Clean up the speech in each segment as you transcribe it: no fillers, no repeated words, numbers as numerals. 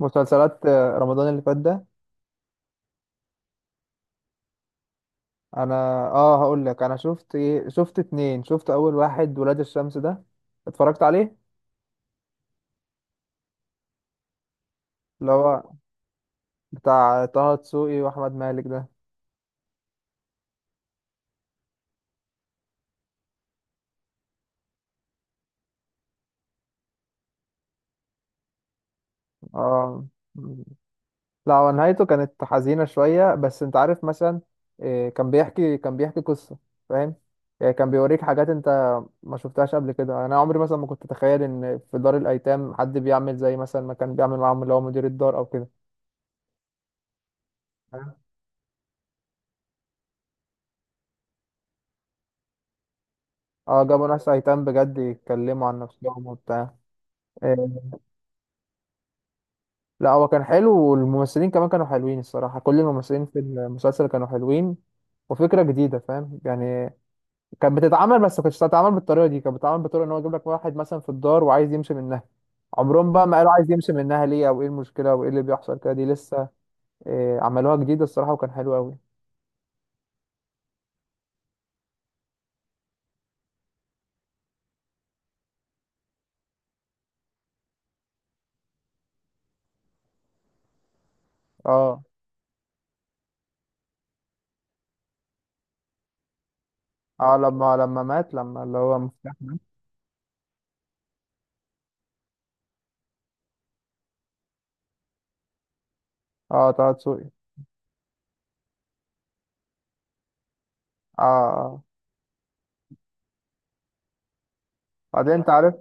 مسلسلات رمضان اللي فات ده. انا اه هقول لك انا شفت ايه. شفت اتنين. شفت اول واحد، ولاد الشمس ده. اتفرجت عليه. اللي هو بتاع طه دسوقي واحمد مالك ده. اه، لا هو نهايته كانت حزينة شوية. بس انت عارف مثلا إيه، كان بيحكي قصة. فاهم؟ يعني كان بيوريك حاجات انت ما شفتهاش قبل كده. انا عمري مثلا ما كنت اتخيل ان في دار الايتام حد بيعمل زي مثلا ما كان بيعمل معاهم اللي هو مدير الدار او كده. اه، جابوا ناس ايتام بجد يتكلموا عن نفسهم وبتاع. آه، لا هو كان حلو والممثلين كمان كانوا حلوين الصراحة. كل الممثلين في المسلسل كانوا حلوين. وفكرة جديدة. فاهم؟ يعني كانت بتتعمل بس ما كانتش بتتعمل بالطريقة دي. كانت بتتعمل بطريقة ان هو يجيب لك واحد مثلا في الدار وعايز يمشي منها. عمرهم بقى ما قالوا عايز يمشي منها ليه او ايه المشكلة وايه اللي بيحصل كده. دي لسه. آه، عملوها جديدة الصراحة وكان حلو قوي. اه. اه. لما اللي هو مفتاح مات. اه، طه دسوقي. اه. اه. بعدين انت عارف،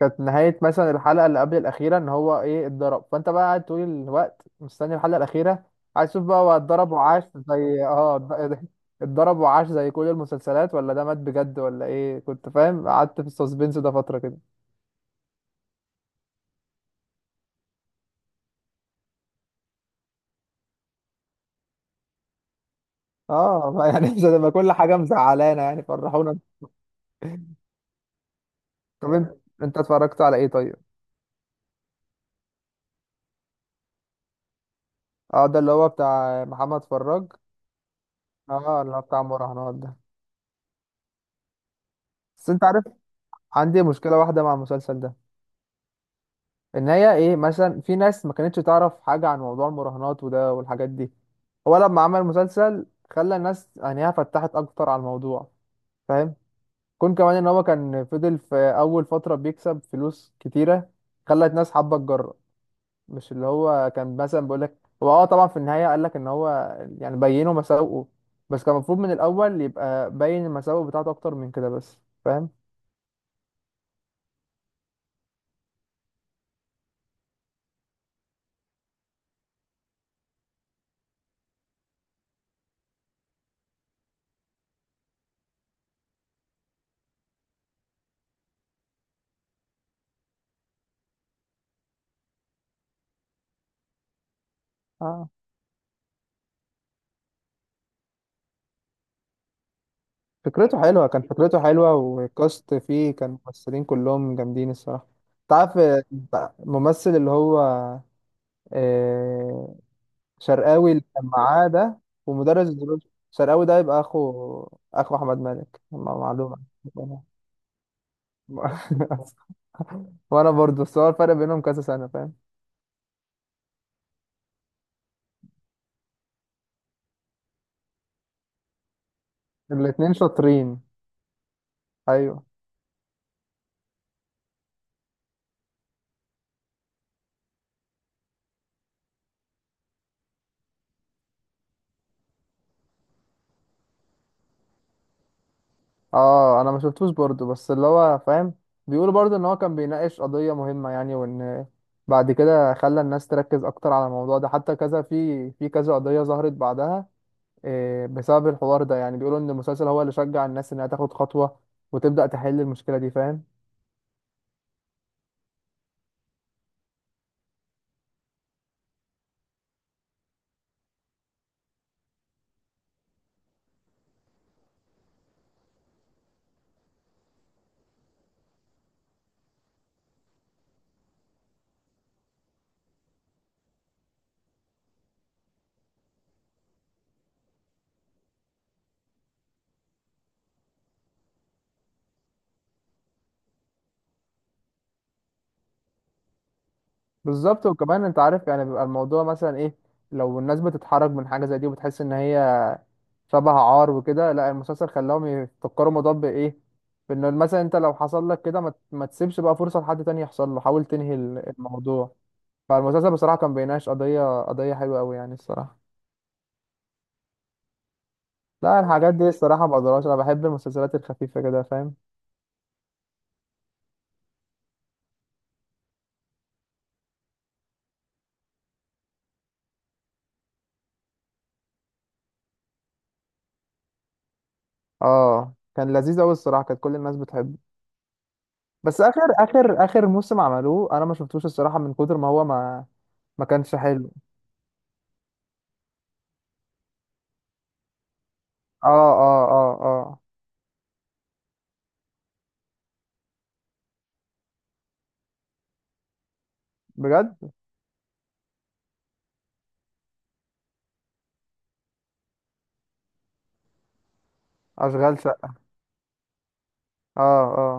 كانت نهاية مثلا الحلقة اللي قبل الأخيرة إن هو اتضرب. فأنت بقى قاعد طول الوقت مستني الحلقة الأخيرة. عايز تشوف بقى هو اتضرب وعاش زي اتضرب وعاش زي كل المسلسلات، ولا ده مات بجد، ولا إيه. كنت فاهم. قعدت في السسبنس ده فترة كده. اه، ما يعني مش هتبقى كل حاجة مزعلانة. يعني فرحونا. طب أنت اتفرجت على إيه طيب؟ اه، ده اللي هو بتاع محمد فراج. اه، اللي هو بتاع المراهنات ده. بس أنت عارف، عندي مشكلة واحدة مع المسلسل ده. ان هي ايه، مثلا في ناس ما كانتش تعرف حاجه عن موضوع المراهنات وده والحاجات دي. هو لما عمل مسلسل خلى الناس عينيها فتحت اكتر على الموضوع. فاهم؟ كون كمان ان هو كان فضل في اول فتره بيكسب فلوس كتيره خلت ناس حابه تجرب. مش اللي هو كان مثلا بيقول لك هو، طبعا في النهايه قال لك ان هو يعني بينه مساوئه. بس كان المفروض من الاول يبقى باين المساوئ بتاعته اكتر من كده بس. فاهم؟ فكرته حلوة كان فكرته حلوة، والكاست فيه كان ممثلين كلهم جامدين الصراحة. انت عارف الممثل اللي هو آه، شرقاوي اللي كان معاه ده ومدرس الدروس. شرقاوي ده يبقى اخو احمد مالك. معلومة. وانا برضو. بس هو الفرق بينهم كذا سنة. فاهم؟ الاتنين شاطرين. ايوه. اه، انا ما شفتوش برضو. بس اللي هو فاهم، بيقولوا برضو ان هو كان بيناقش قضية مهمة يعني، وان بعد كده خلى الناس تركز اكتر على الموضوع ده. حتى كذا في كذا قضية ظهرت بعدها، بسبب الحوار ده. يعني بيقولوا ان المسلسل هو اللي شجع الناس انها تاخد خطوة وتبدأ تحل المشكلة دي. فاهم؟ بالظبط. وكمان انت عارف يعني، بيبقى الموضوع مثلا ايه، لو الناس بتتحرج من حاجه زي دي وبتحس ان هي شبه عار وكده، لا المسلسل خلاهم يفكروا الموضوع بايه. بان مثلا انت لو حصل لك كده، ما تسيبش بقى فرصه لحد تاني يحصل له. حاول تنهي الموضوع. فالمسلسل بصراحه كان بيناقش قضيه حلوه قوي يعني الصراحه. لا الحاجات دي الصراحه ما بقدرهاش. انا بحب المسلسلات الخفيفه كده. فاهم؟ اه، كان لذيذ قوي الصراحه. كانت كل الناس بتحبه. بس اخر موسم عملوه انا ما شفتوش الصراحه. من كتر ما هو ما كانش حلو. اه. اه. اه. اه. بجد. اشغال شقه. اه. اه.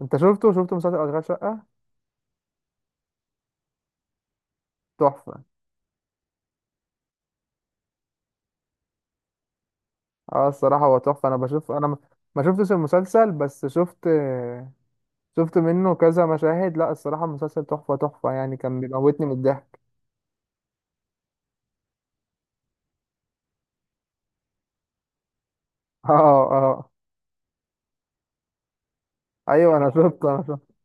انت شفته مسلسل اشغال شقه؟ تحفه. اه، الصراحه هو تحفه. انا ما شفتش المسلسل بس شفت منه كذا مشاهد. لا الصراحه المسلسل تحفه تحفه يعني. كان بيموتني من الضحك. اه. اه. ايوه، انا شفت.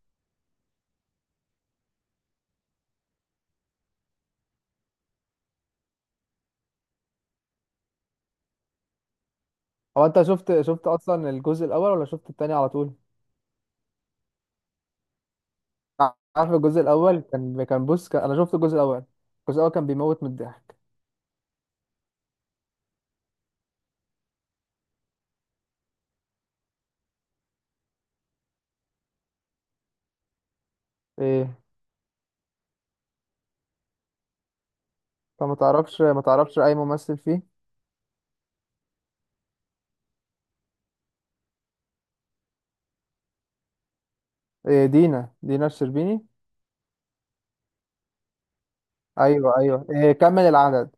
هو انت شفت اصلا الجزء الاول ولا شفت التاني على طول؟ عارف الجزء الاول كان كان بص كان انا شفت الجزء الاول. الجزء الاول كان بيموت من الضحك. ايه. طب ما تعرفش اي ممثل فيه؟ إيه، دينا الشربيني. ايوه، ايوه، إيه، كمل العدد.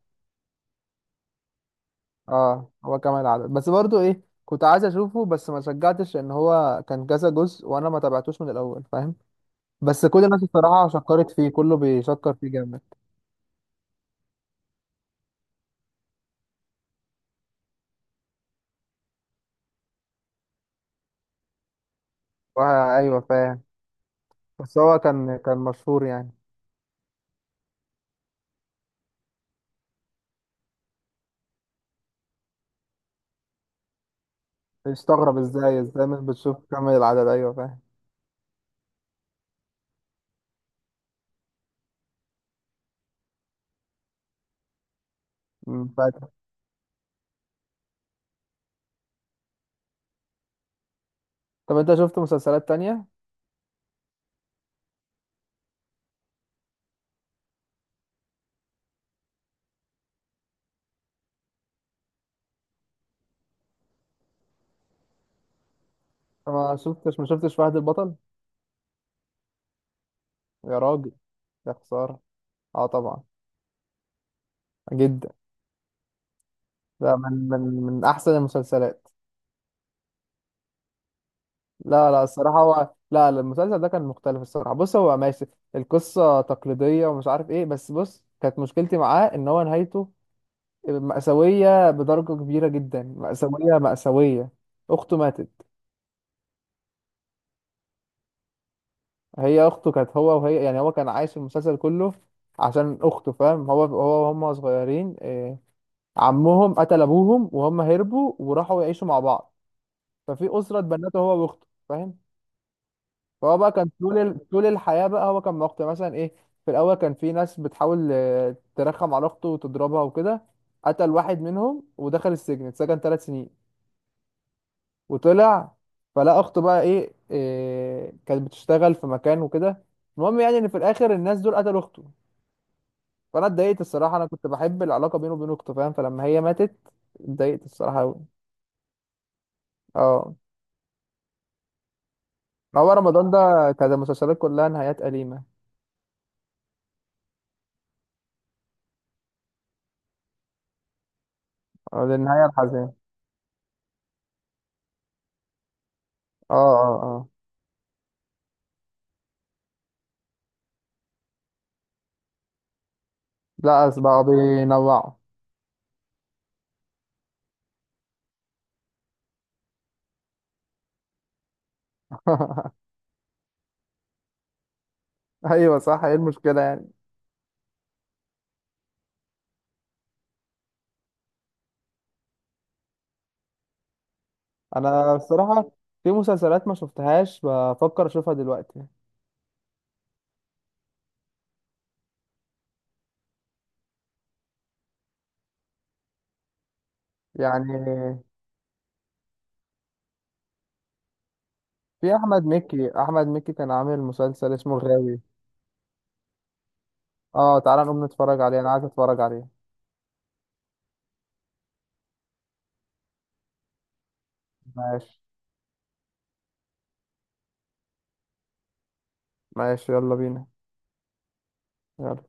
اه، هو كمل العدد، بس برضو ايه، كنت عايز اشوفه بس ما شجعتش ان هو كان كذا جزء وانا ما تابعتوش من الاول. فاهم؟ بس كل الناس الصراحه شكرت فيه. كله بيشكر فيه جامد. ايوه فاهم. بس هو كان مشهور يعني. استغرب ازاي مش بتشوف كمل العدد. ايوه فاهم. فاكر. طب انت شفت مسلسلات تانية؟ ما شفتش فهد البطل؟ يا راجل، يا خساره. اه طبعا. جدا. لا من احسن المسلسلات. لا لا الصراحه، هو لا لا، المسلسل ده كان مختلف الصراحه. بص هو ماشي. القصه تقليديه ومش عارف ايه، بس بص كانت مشكلتي معاه ان هو نهايته مأساويه بدرجه كبيره جدا. مأساويه مأساويه. اخته ماتت. هي اخته كانت هو وهي. يعني هو كان عايش المسلسل كله عشان اخته. فاهم؟ هو وهم صغيرين، عمهم قتل ابوهم وهم هربوا وراحوا يعيشوا مع بعض. ففي اسره اتبنته هو واخته. فاهم؟ فهو بقى كان طول الحياة بقى. هو كان مقطع مثلا ايه. في الأول كان في ناس بتحاول ترخم على أخته وتضربها وكده. قتل واحد منهم ودخل السجن، اتسجن ثلاث سنين. وطلع. فلا أخته بقى ايه, إيه كانت بتشتغل في مكان وكده. المهم يعني إن في الآخر الناس دول قتلوا أخته. فأنا اتضايقت الصراحة. أنا كنت بحب العلاقة بينه وبين أخته. فاهم؟ فلما هي ماتت اتضايقت الصراحة أوي. اه. هو رمضان ده كانت المسلسلات كلها نهايات أليمة. آه، للنهاية الحزينة. اه. اه. اه. لا بقى بينوعوا. ايوه صح. ايه المشكله يعني. انا بصراحه، في مسلسلات ما شفتهاش بفكر اشوفها دلوقتي. يعني في احمد مكي كان عامل مسلسل اسمه الغاوي. اه تعالى نقوم نتفرج عليه. انا عايز اتفرج عليه. ماشي. ماشي يلا بينا. يلا.